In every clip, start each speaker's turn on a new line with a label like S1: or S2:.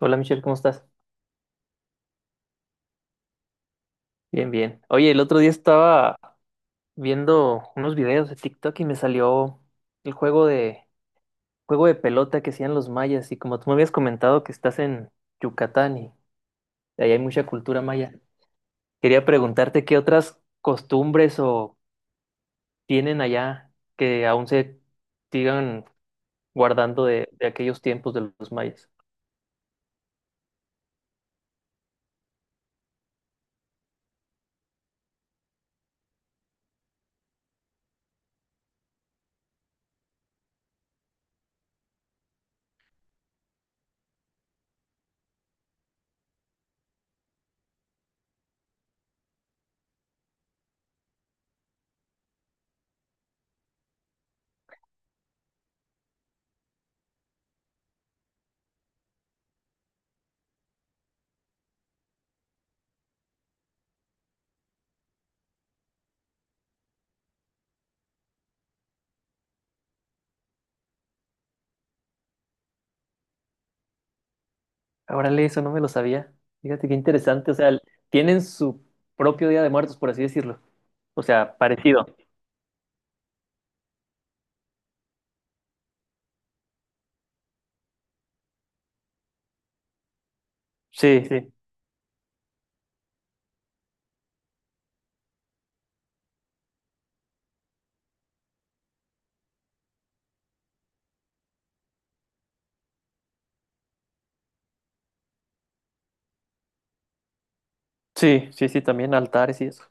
S1: Hola Michelle, ¿cómo estás? Bien, bien. Oye, el otro día estaba viendo unos videos de TikTok y me salió el juego de pelota que hacían los mayas y como tú me habías comentado que estás en Yucatán y ahí hay mucha cultura maya, quería preguntarte qué otras costumbres o tienen allá que aún se sigan guardando de aquellos tiempos de los mayas. Órale, eso no me lo sabía. Fíjate qué interesante, o sea, tienen su propio Día de Muertos, por así decirlo. O sea, parecido. Sí, sí, sí, sí, sí, también altares y eso.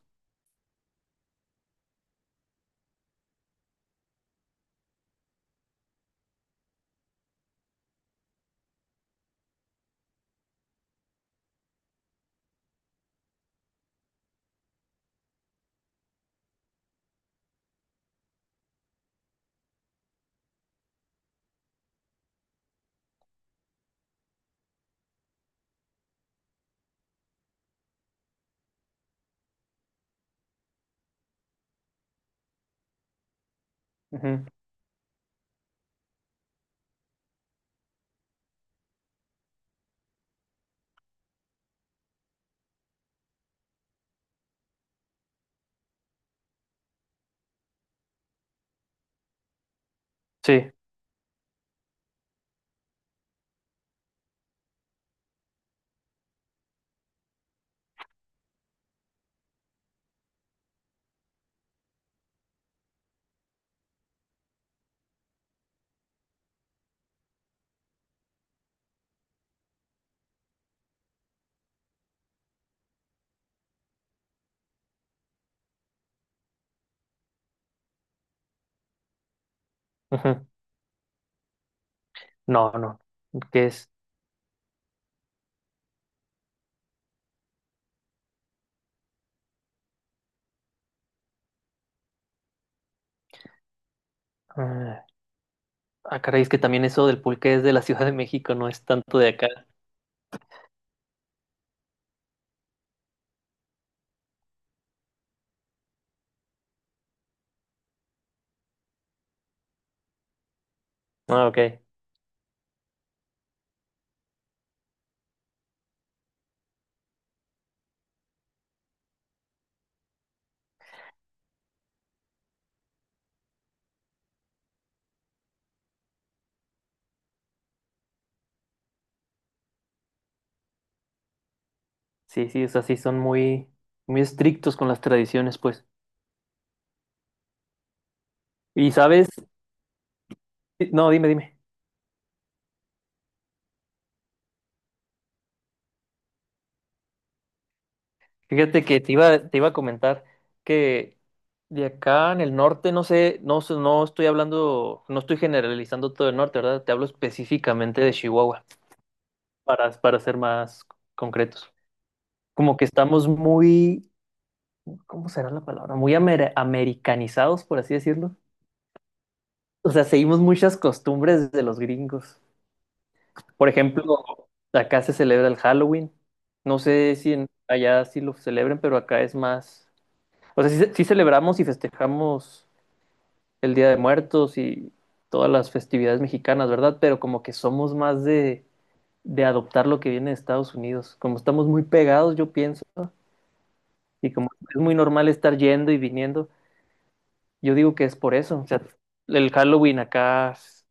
S1: Ujú. Sí, ujú. No, no, que es... Ah, ah, caray, es que también eso del pulque es de la Ciudad de México, no es tanto de acá. Ah, ok. Sí, sí, o sea, sí son muy, muy estrictos con las tradiciones, pues. Y sabes, sí, no, dime, dime. Fíjate que te iba a comentar que de acá en el norte, no sé, no estoy hablando, no estoy generalizando todo el norte, ¿verdad? Te hablo específicamente de Chihuahua, para ser más concretos. Como que estamos muy, ¿cómo será la palabra? Americanizados, por así decirlo. O sea, seguimos muchas costumbres de los gringos. Por ejemplo, acá se celebra el Halloween. No sé si en- Allá sí lo celebren, pero acá es más. O sea, sí, sí celebramos y festejamos el Día de Muertos y todas las festividades mexicanas, ¿verdad? Pero como que somos más de adoptar lo que viene de Estados Unidos. Como estamos muy pegados, yo pienso, y como es muy normal estar yendo y viniendo. Yo digo que es por eso. O sea, el Halloween acá, s-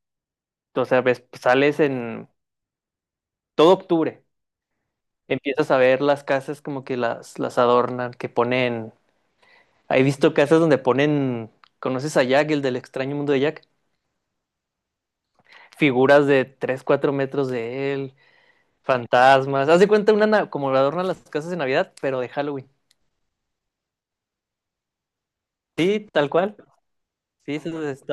S1: o sea, ves, sales en todo octubre. Empiezas a ver las casas como que las adornan, que ponen. He visto casas donde ponen, ¿conoces a Jack, el del extraño mundo de Jack? Figuras de 3 4 metros de él, fantasmas. Haz de cuenta una, como adornan las casas de Navidad, pero de Halloween. Sí, tal cual. Sí, eso es-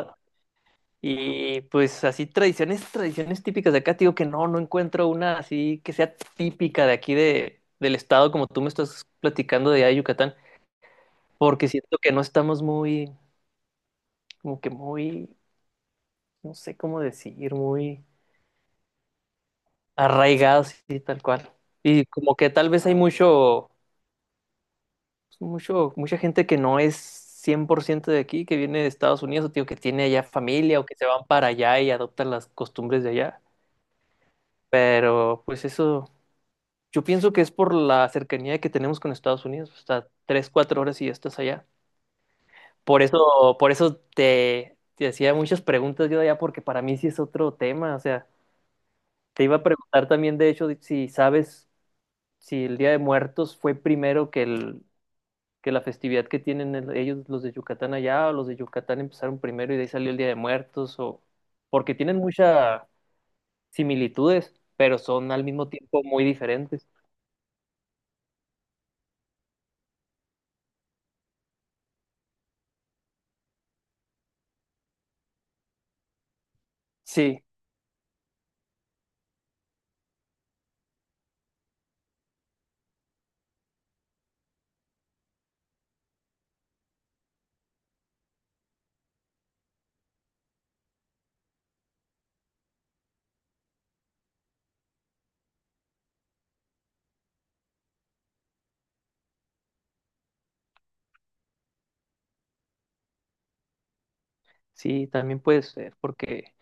S1: Y pues así tradiciones, tradiciones típicas de acá, te digo que no, no encuentro una así que sea típica de aquí del estado, como tú me estás platicando de allá de Yucatán, porque siento que no estamos muy, como que muy, no sé cómo decir, muy arraigados y tal cual. Y como que tal vez hay mucho, mucho, mucha gente que no es 100% de aquí, que viene de Estados Unidos, o te digo que tiene allá familia, o que se van para allá y adoptan las costumbres de allá. Pero pues eso yo pienso que es por la cercanía que tenemos con Estados Unidos, hasta tres, cuatro horas y ya estás allá. Por eso te hacía muchas preguntas yo de allá, porque para mí sí es otro tema. O sea, te iba a preguntar también, de hecho, si sabes si el Día de Muertos fue primero que el, que la festividad que tienen ellos, los de Yucatán allá, o los de Yucatán empezaron primero y de ahí salió el Día de Muertos, o porque tienen muchas similitudes, pero son al mismo tiempo muy diferentes. Sí, sí, también puede ser, porque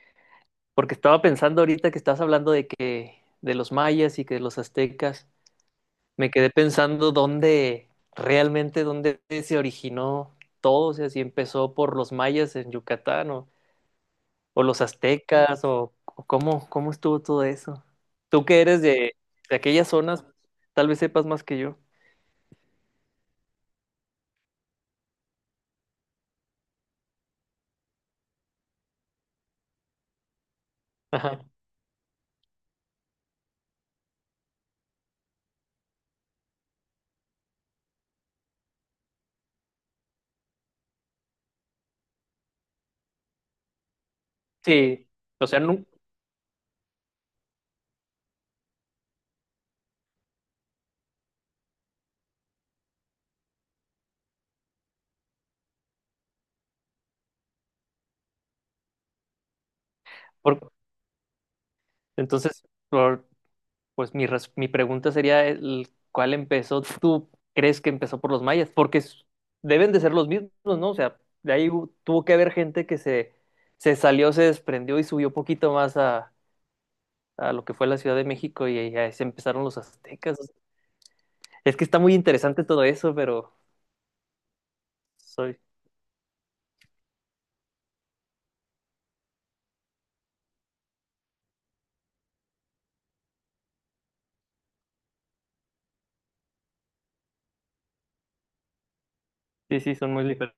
S1: porque estaba pensando ahorita que estás hablando de que de los mayas y que de los aztecas, me quedé pensando dónde realmente dónde se originó todo, o sea, si empezó por los mayas en Yucatán o los aztecas o, o cómo estuvo todo eso. Tú que eres de aquellas zonas, tal vez sepas más que yo. Ajá. Sí, o sea, por- entonces por- pues mi, mi pregunta sería, ¿cuál empezó? ¿Tú crees que empezó por los mayas? Porque deben de ser los mismos, ¿no? O sea, de ahí tuvo que haber gente que se salió, se desprendió y subió poquito más a lo que fue la Ciudad de México y ahí se empezaron los aztecas. Es que está muy interesante todo eso, pero soy, sí, sí, son muy diferentes.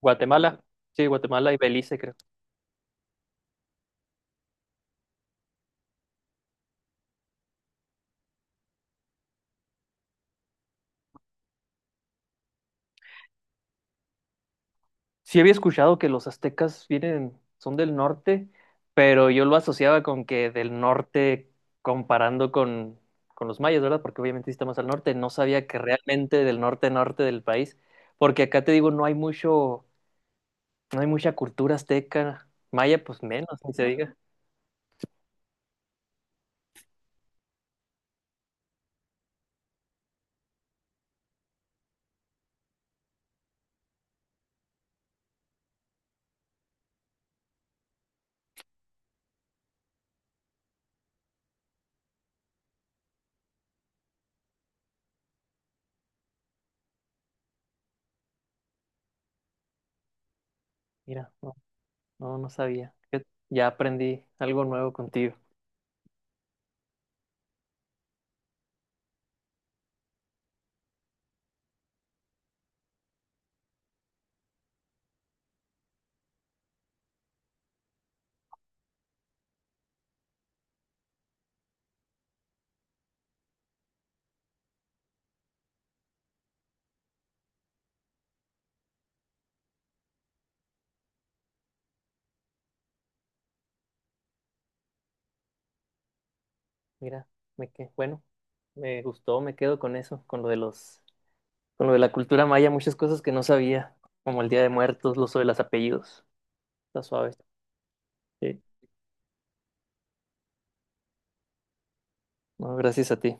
S1: Guatemala, sí, Guatemala y Belice, creo. Sí había escuchado que los aztecas vienen, son del norte, pero yo lo asociaba con que del norte comparando con los mayas, ¿verdad? Porque obviamente sí está más al norte, no sabía que realmente del norte norte del país, porque acá te digo, no hay mucho, no hay mucha cultura azteca, maya pues menos, ni se diga. Mira, no, no, no sabía. Fíjate, ya aprendí algo nuevo contigo. Mira, me que, bueno, me gustó, me quedo con eso, con lo de los con lo de la cultura maya, muchas cosas que no sabía, como el Día de Muertos, lo uso de los apellidos. Está suave. Sí. No, gracias a ti.